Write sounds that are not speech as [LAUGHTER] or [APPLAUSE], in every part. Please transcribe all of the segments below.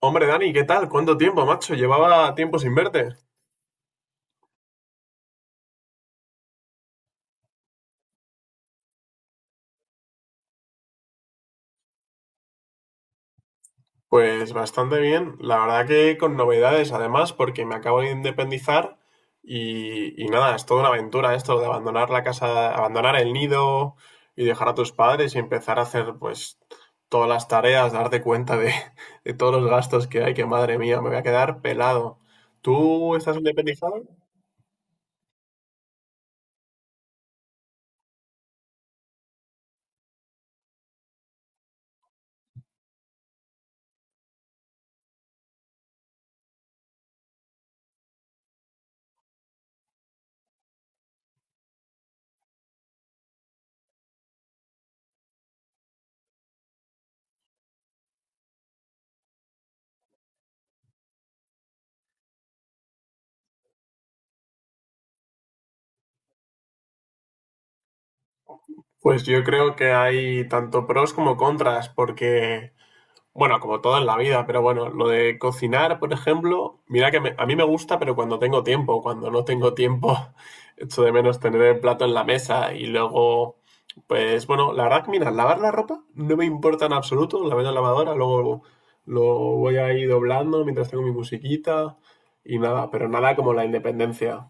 Hombre, Dani, ¿qué tal? ¿Cuánto tiempo, macho? Llevaba tiempo sin verte. Pues bastante bien. La verdad que con novedades, además, porque me acabo de independizar y nada, es toda una aventura esto de abandonar la casa, abandonar el nido y dejar a tus padres y empezar a hacer pues todas las tareas, darte cuenta de, [LAUGHS] de todos los gastos que hay, que madre mía, me voy a quedar pelado. ¿Tú estás independizado? Pues yo creo que hay tanto pros como contras, porque... Bueno, como todo en la vida, pero bueno, lo de cocinar, por ejemplo, mira que a mí me gusta, pero cuando tengo tiempo, cuando no tengo tiempo, [LAUGHS] echo de menos tener el plato en la mesa y luego, pues bueno, la verdad que mira, lavar la ropa no me importa en absoluto, la meto en la lavadora, luego lo voy a ir doblando mientras tengo mi musiquita y nada, pero nada como la independencia,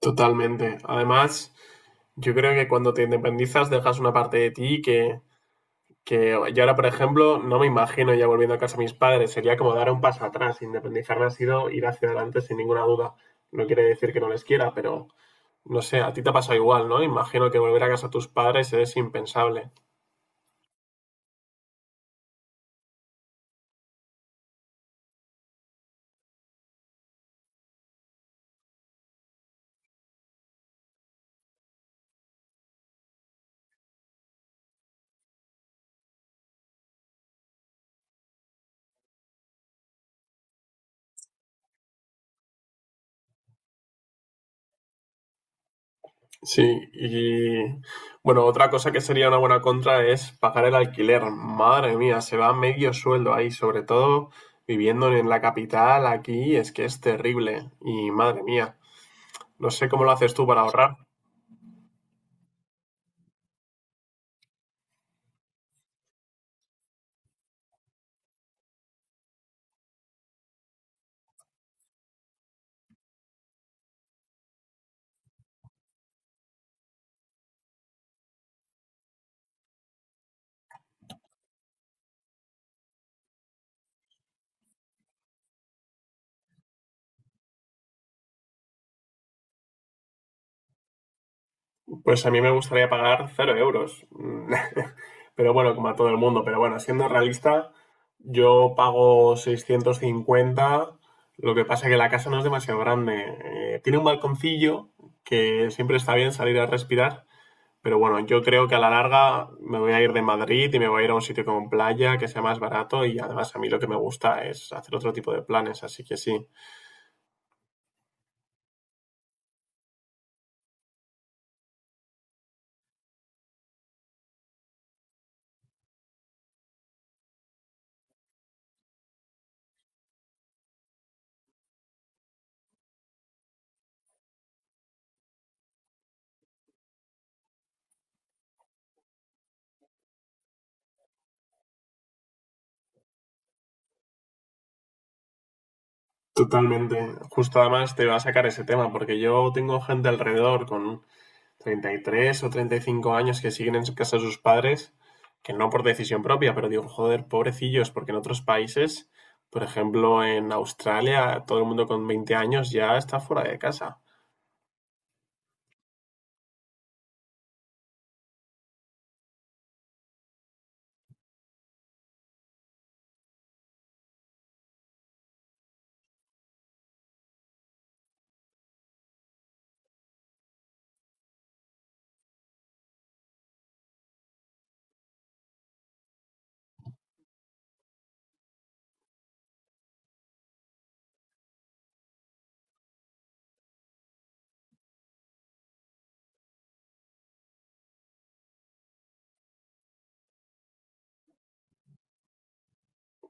totalmente. Además, yo creo que cuando te independizas dejas una parte de ti que yo ahora, por ejemplo, no me imagino ya volviendo a casa de mis padres. Sería como dar un paso atrás. Independizarme ha sido ir hacia adelante sin ninguna duda. No quiere decir que no les quiera, pero no sé, a ti te ha pasado igual, ¿no? Imagino que volver a casa a tus padres es impensable. Sí, y bueno, otra cosa que sería una buena contra es pagar el alquiler. Madre mía, se va medio sueldo ahí, sobre todo viviendo en la capital aquí, es que es terrible. Y madre mía, no sé cómo lo haces tú para ahorrar. Pues a mí me gustaría pagar 0 euros. Mm, [LAUGHS] pero bueno, como a todo el mundo. Pero bueno, siendo realista, yo pago 650. Lo que pasa es que la casa no es demasiado grande. Tiene un balconcillo que siempre está bien salir a respirar. Pero bueno, yo creo que a la larga me voy a ir de Madrid y me voy a ir a un sitio con playa que sea más barato y además a mí lo que me gusta es hacer otro tipo de planes, así que sí, totalmente. Justo además te va a sacar ese tema porque yo tengo gente alrededor con 33 o 35 años que siguen en casa de sus padres, que no por decisión propia, pero digo, joder, pobrecillos, porque en otros países, por ejemplo, en Australia, todo el mundo con 20 años ya está fuera de casa.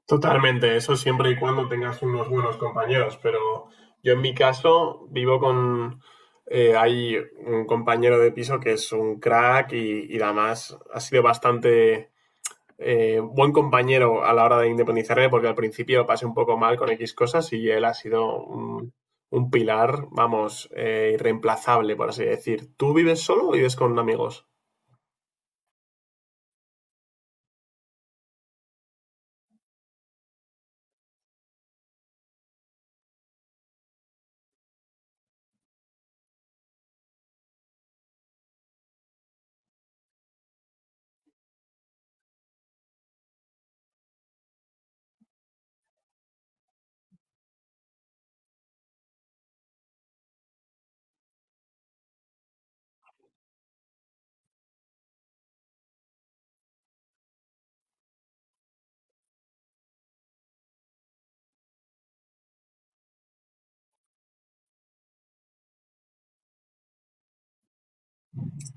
Totalmente, eso siempre y cuando tengas unos buenos compañeros, pero yo en mi caso vivo con... hay un compañero de piso que es un crack y además ha sido bastante buen compañero a la hora de independizarme, porque al principio pasé un poco mal con X cosas y él ha sido un pilar, vamos, irreemplazable, por así decir. ¿Tú vives solo o vives con amigos?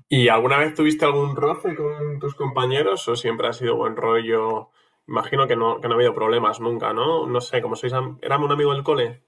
¿Y alguna vez tuviste algún roce con tus compañeros o siempre ha sido buen rollo? Imagino que no ha habido problemas nunca, ¿no? No sé, como sois, éramos un amigo del cole.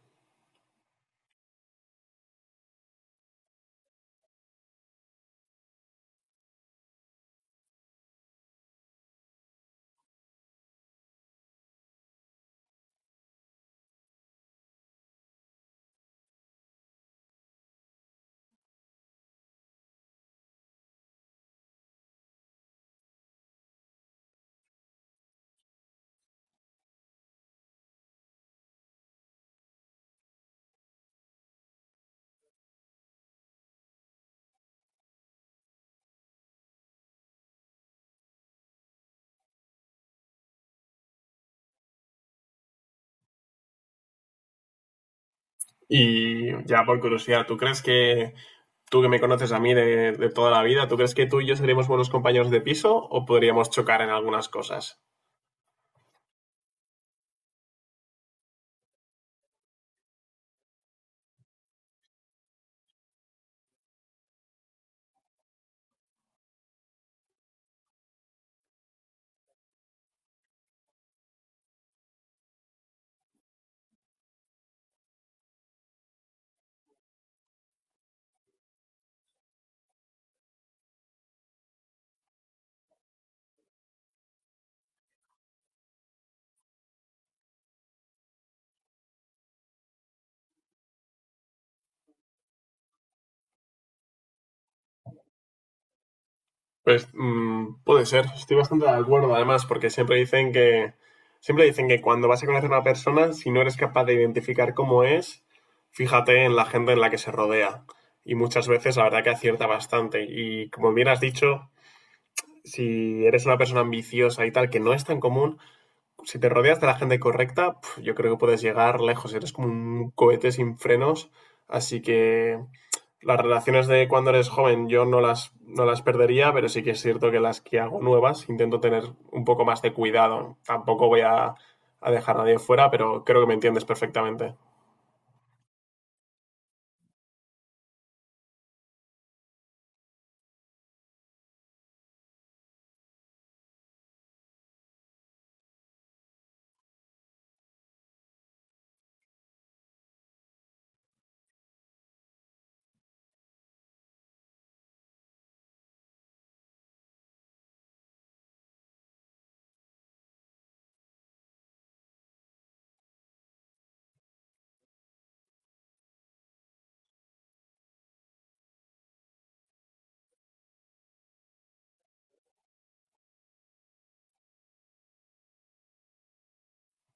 Y ya por curiosidad, ¿tú crees que tú que me conoces a mí de toda la vida, ¿tú crees que tú y yo seríamos buenos compañeros de piso o podríamos chocar en algunas cosas? Pues puede ser, estoy bastante de acuerdo además, porque siempre dicen que cuando vas a conocer a una persona, si no eres capaz de identificar cómo es, fíjate en la gente en la que se rodea. Y muchas veces la verdad que acierta bastante. Y como bien has dicho, si eres una persona ambiciosa y tal, que no es tan común, si te rodeas de la gente correcta, yo creo que puedes llegar lejos. Eres como un cohete sin frenos. Así que las relaciones de cuando eres joven yo no las perdería, pero sí que es cierto que las que hago nuevas intento tener un poco más de cuidado. Tampoco voy a dejar a nadie fuera, pero creo que me entiendes perfectamente.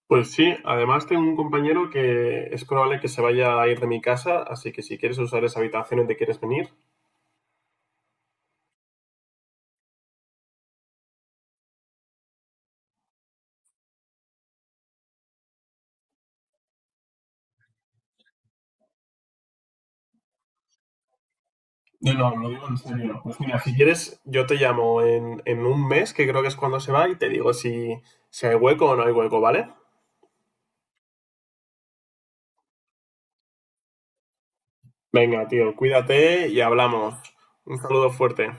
Pues sí, además tengo un compañero que es probable que se vaya a ir de mi casa, así que si quieres usar esa habitación y te quieres venir, no, no, lo digo en serio. Pues mira, si quieres, yo te llamo en un mes, que creo que es cuando se va, y te digo si hay hueco o no hay hueco, ¿vale? Venga, tío, cuídate y hablamos. Un saludo fuerte.